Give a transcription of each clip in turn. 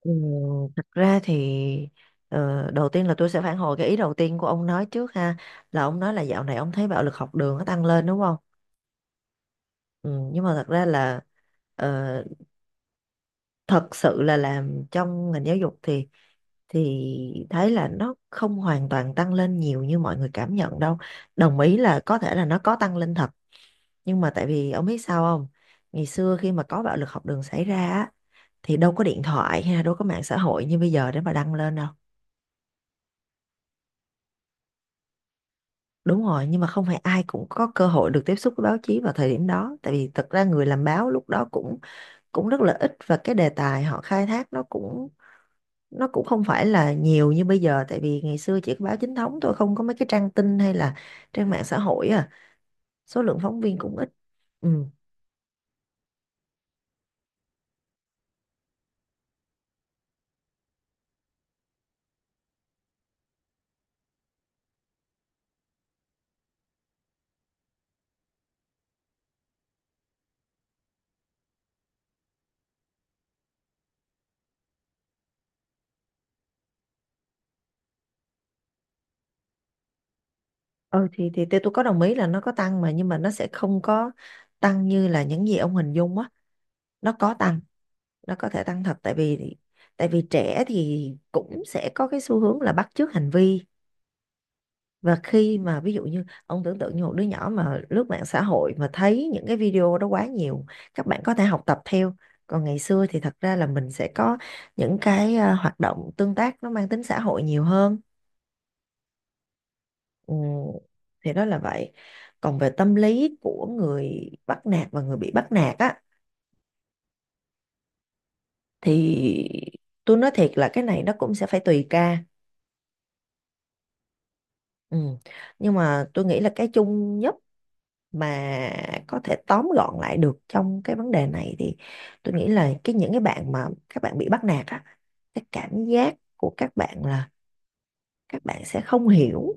Ừ, thật ra thì đầu tiên là tôi sẽ phản hồi cái ý đầu tiên của ông nói trước ha, là ông nói là dạo này ông thấy bạo lực học đường nó tăng lên đúng không? Ừ, nhưng mà thật ra là ờ, thật sự là làm trong ngành giáo dục thì thấy là nó không hoàn toàn tăng lên nhiều như mọi người cảm nhận đâu. Đồng ý là có thể là nó có tăng lên thật, nhưng mà tại vì ông biết sao không? Ngày xưa khi mà có bạo lực học đường xảy ra á, thì đâu có điện thoại hay là đâu có mạng xã hội như bây giờ để mà đăng lên đâu. Đúng rồi, nhưng mà không phải ai cũng có cơ hội được tiếp xúc với báo chí vào thời điểm đó, tại vì thật ra người làm báo lúc đó cũng cũng rất là ít, và cái đề tài họ khai thác nó cũng không phải là nhiều như bây giờ, tại vì ngày xưa chỉ có báo chính thống thôi, không có mấy cái trang tin hay là trang mạng xã hội, số lượng phóng viên cũng ít. Ừ. Ừ, thì tôi có đồng ý là nó có tăng, mà nhưng mà nó sẽ không có tăng như là những gì ông hình dung á, nó có tăng, nó có thể tăng thật, tại vì trẻ thì cũng sẽ có cái xu hướng là bắt chước hành vi, và khi mà ví dụ như ông tưởng tượng như một đứa nhỏ mà lướt mạng xã hội mà thấy những cái video đó quá nhiều, các bạn có thể học tập theo. Còn ngày xưa thì thật ra là mình sẽ có những cái, hoạt động tương tác nó mang tính xã hội nhiều hơn. ừ, thì đó là vậy. Còn về tâm lý của người bắt nạt và người bị bắt nạt á, thì tôi nói thiệt là cái này nó cũng sẽ phải tùy ca. Ừ. Nhưng mà tôi nghĩ là cái chung nhất mà có thể tóm gọn lại được trong cái vấn đề này thì tôi nghĩ là cái những cái bạn mà các bạn bị bắt nạt á, cái cảm giác của các bạn là các bạn sẽ không hiểu,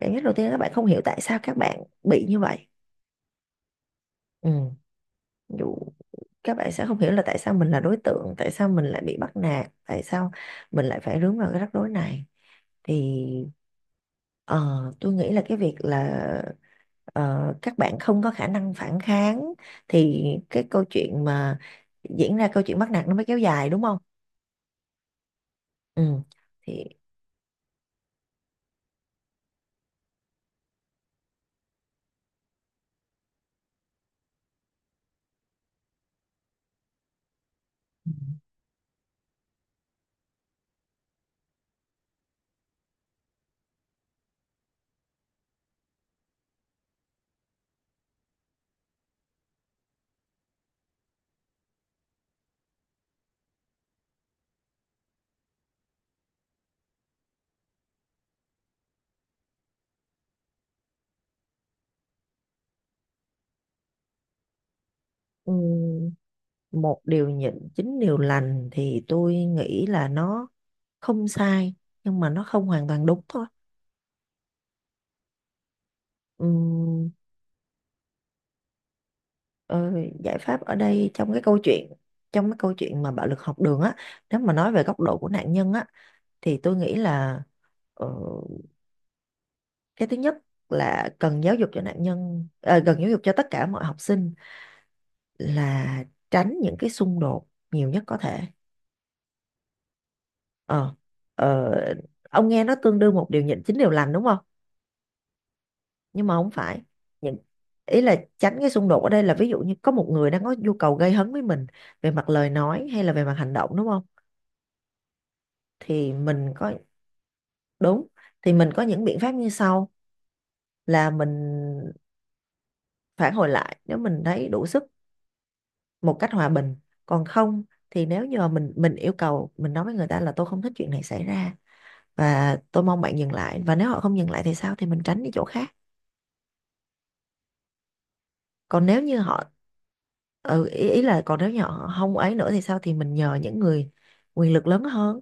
cảm giác đầu tiên là các bạn không hiểu tại sao các bạn bị như vậy. Ừ. Ví dụ các bạn sẽ không hiểu là tại sao mình là đối tượng, tại sao mình lại bị bắt nạt, tại sao mình lại phải rướng vào cái rắc rối này, thì Ờ, tôi nghĩ là cái việc là các bạn không có khả năng phản kháng, thì cái câu chuyện mà diễn ra câu chuyện bắt nạt nó mới kéo dài đúng không? Ừ. Thì ừm, một điều nhịn chín điều lành thì tôi nghĩ là nó không sai nhưng mà nó không hoàn toàn đúng thôi. Ừm, ờ, giải pháp ở đây, trong cái câu chuyện mà bạo lực học đường á, nếu mà nói về góc độ của nạn nhân á, thì tôi nghĩ là ờ, cái thứ nhất là cần giáo dục cho nạn nhân, cần giáo dục cho tất cả mọi học sinh là tránh những cái xung đột nhiều nhất có thể. Ờ, ờ, ông nghe nó tương đương một điều nhịn chín điều lành đúng không? Nhưng mà không phải. Những, ý là tránh cái xung đột ở đây là ví dụ như có một người đang có nhu cầu gây hấn với mình về mặt lời nói hay là về mặt hành động đúng không, thì mình có, đúng, thì mình có những biện pháp như sau là mình phản hồi lại nếu mình thấy đủ sức, một cách hòa bình. Còn không thì nếu như mà mình yêu cầu, mình nói với người ta là tôi không thích chuyện này xảy ra và tôi mong bạn dừng lại, và nếu họ không dừng lại thì sao, thì mình tránh đi chỗ khác. Còn nếu như họ, ý là còn nếu như họ không ấy nữa thì sao, thì mình nhờ những người quyền lực lớn hơn.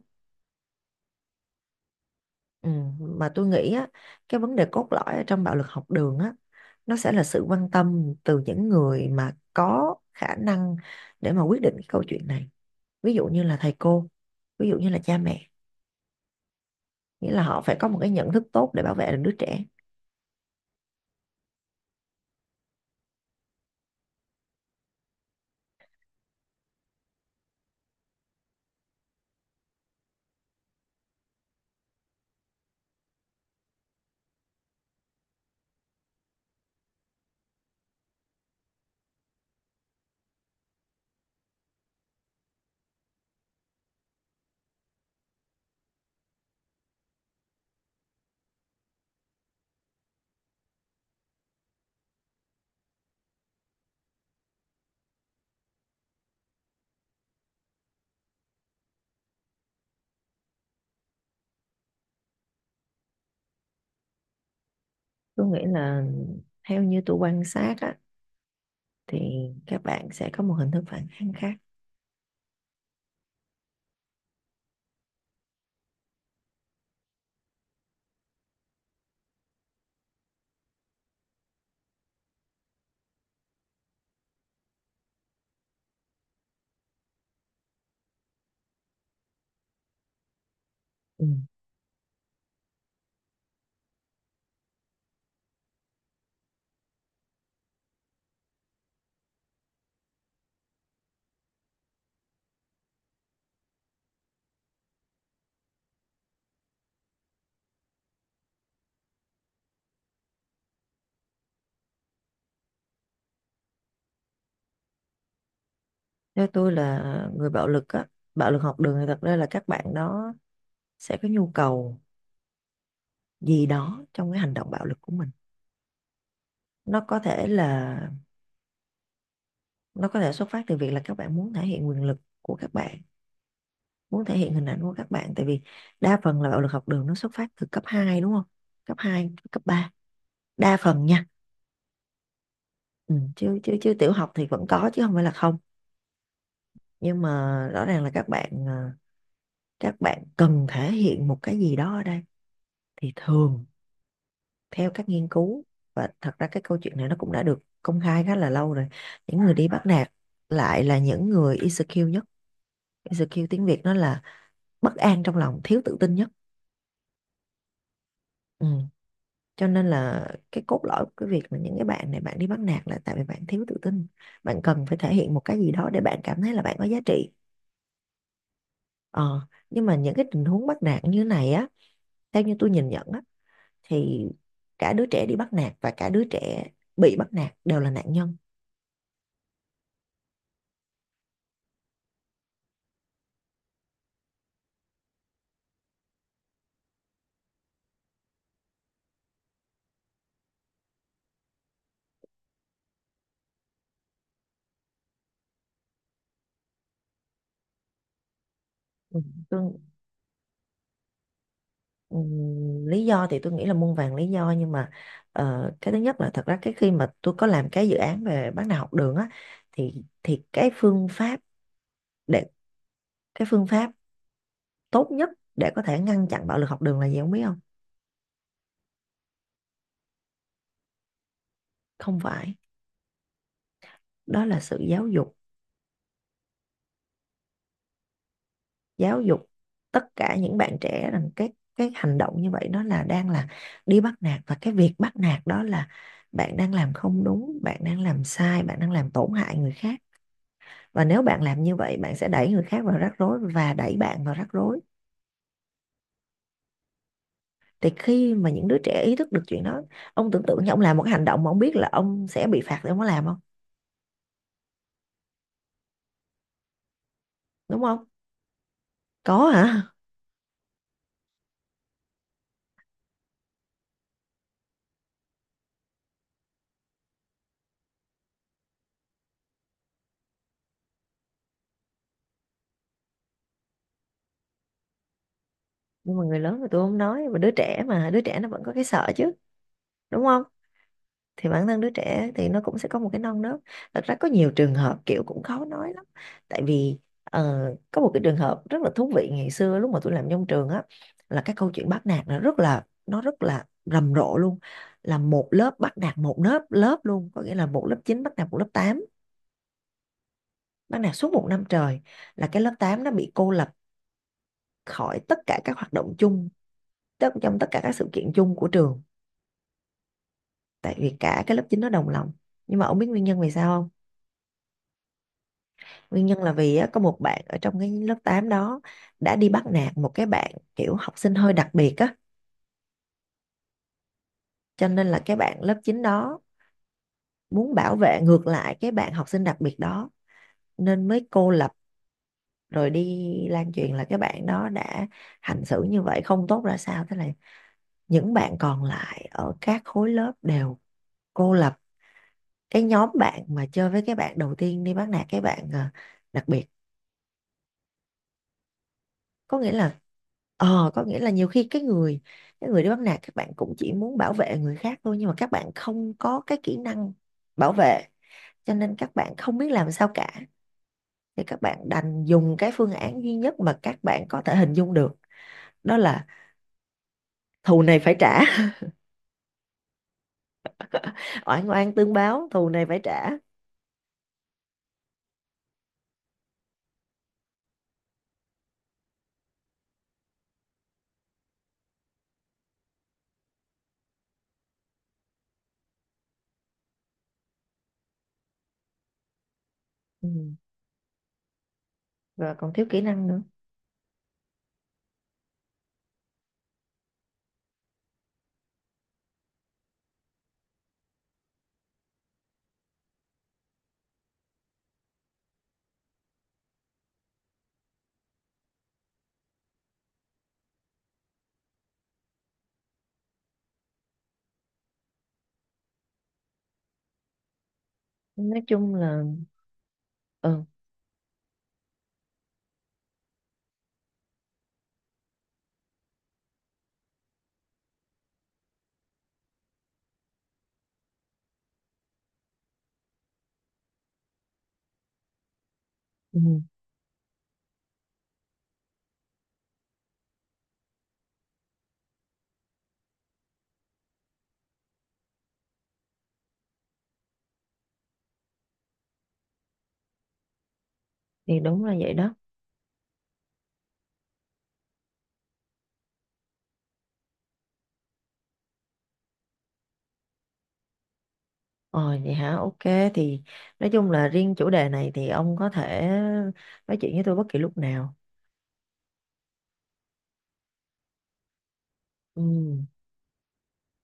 ừ, mà tôi nghĩ á, cái vấn đề cốt lõi ở trong bạo lực học đường á, nó sẽ là sự quan tâm từ những người mà có khả năng để mà quyết định cái câu chuyện này, ví dụ như là thầy cô, ví dụ như là cha mẹ, nghĩa là họ phải có một cái nhận thức tốt để bảo vệ được đứa trẻ. Tôi nghĩ là, theo như tôi quan sát á, thì các bạn sẽ có một hình thức phản kháng khác. Ừ. Theo tôi là, người bạo lực á, bạo lực học đường thì thật ra là các bạn đó sẽ có nhu cầu gì đó trong cái hành động bạo lực của mình. nó có thể là nó có thể xuất phát từ việc là các bạn muốn thể hiện quyền lực của các bạn, muốn thể hiện hình ảnh của các bạn, tại vì đa phần là bạo lực học đường nó xuất phát từ cấp 2 đúng không, cấp 2, cấp 3. Đa phần nha. Ừ, chứ chứ chứ tiểu học thì vẫn có chứ không phải là không, nhưng mà rõ ràng là các bạn cần thể hiện một cái gì đó ở đây, thì thường theo các nghiên cứu, và thật ra cái câu chuyện này nó cũng đã được công khai khá là lâu rồi, những người đi bắt nạt lại là những người insecure nhất. Insecure tiếng Việt nó là bất an trong lòng, thiếu tự tin nhất. Ừ. Cho nên là cái cốt lõi của cái việc mà những cái bạn này bạn đi bắt nạt là tại vì bạn thiếu tự tin, bạn cần phải thể hiện một cái gì đó để bạn cảm thấy là bạn có giá trị. Ờ, nhưng mà những cái tình huống bắt nạt như này á, theo như tôi nhìn nhận á, thì cả đứa trẻ đi bắt nạt và cả đứa trẻ bị bắt nạt đều là nạn nhân. Ừ, Tôi, lý do thì tôi nghĩ là muôn vàn lý do, nhưng mà cái thứ nhất là thật ra cái khi mà tôi có làm cái dự án về bắt nạt học đường á, thì để cái phương pháp tốt nhất để có thể ngăn chặn bạo lực học đường là gì không biết không? Không phải, đó là sự giáo dục. Giáo dục tất cả những bạn trẻ rằng cái hành động như vậy nó là đang là đi bắt nạt, và cái việc bắt nạt đó là bạn đang làm không đúng, bạn đang làm sai, bạn đang làm tổn hại người khác, và nếu bạn làm như vậy bạn sẽ đẩy người khác vào rắc rối và đẩy bạn vào rắc rối. Thì khi mà những đứa trẻ ý thức được chuyện đó, ông tưởng tượng như ông làm một cái hành động mà ông biết là ông sẽ bị phạt thì ông có làm không, đúng không? Có hả? Nhưng mà người lớn thì tôi không nói, mà đứa trẻ nó vẫn có cái sợ chứ, đúng không? Thì bản thân đứa trẻ thì nó cũng sẽ có một cái non nớt. Thật ra có nhiều trường hợp kiểu cũng khó nói lắm, tại vì ờ, có một cái trường hợp rất là thú vị, ngày xưa lúc mà tôi làm trong trường á, là cái câu chuyện bắt nạt nó rất là rầm rộ luôn, là một lớp bắt nạt một lớp lớp luôn, có nghĩa là một lớp 9 bắt nạt một lớp 8, bắt nạt suốt một năm trời, là cái lớp 8 nó bị cô lập khỏi tất cả các hoạt động chung, tức trong tất cả các sự kiện chung của trường, tại vì cả cái lớp 9 nó đồng lòng. Nhưng mà ông biết nguyên nhân vì sao không? Nguyên nhân là vì á, có một bạn ở trong cái lớp 8 đó đã đi bắt nạt một cái bạn kiểu học sinh hơi đặc biệt á, cho nên là cái bạn lớp 9 đó muốn bảo vệ ngược lại cái bạn học sinh đặc biệt đó, nên mới cô lập, rồi đi lan truyền là cái bạn đó đã hành xử như vậy không tốt ra sao, thế là những bạn còn lại ở các khối lớp đều cô lập cái nhóm bạn mà chơi với cái bạn đầu tiên đi bắt nạt cái bạn đặc biệt. Có nghĩa là có nghĩa là nhiều khi cái người đi bắt nạt, các bạn cũng chỉ muốn bảo vệ người khác thôi, nhưng mà các bạn không có cái kỹ năng bảo vệ, cho nên các bạn không biết làm sao cả, thì các bạn đành dùng cái phương án duy nhất mà các bạn có thể hình dung được, đó là thù này phải trả. Oan oan tương báo, thù này phải trả. Ừ. Và còn thiếu kỹ năng nữa. Nói chung là, ừ, ừ. Thì đúng là vậy đó. Ờ vậy hả? Ok, thì nói chung là riêng chủ đề này thì ông có thể nói chuyện với tôi bất kỳ lúc nào. Ừ.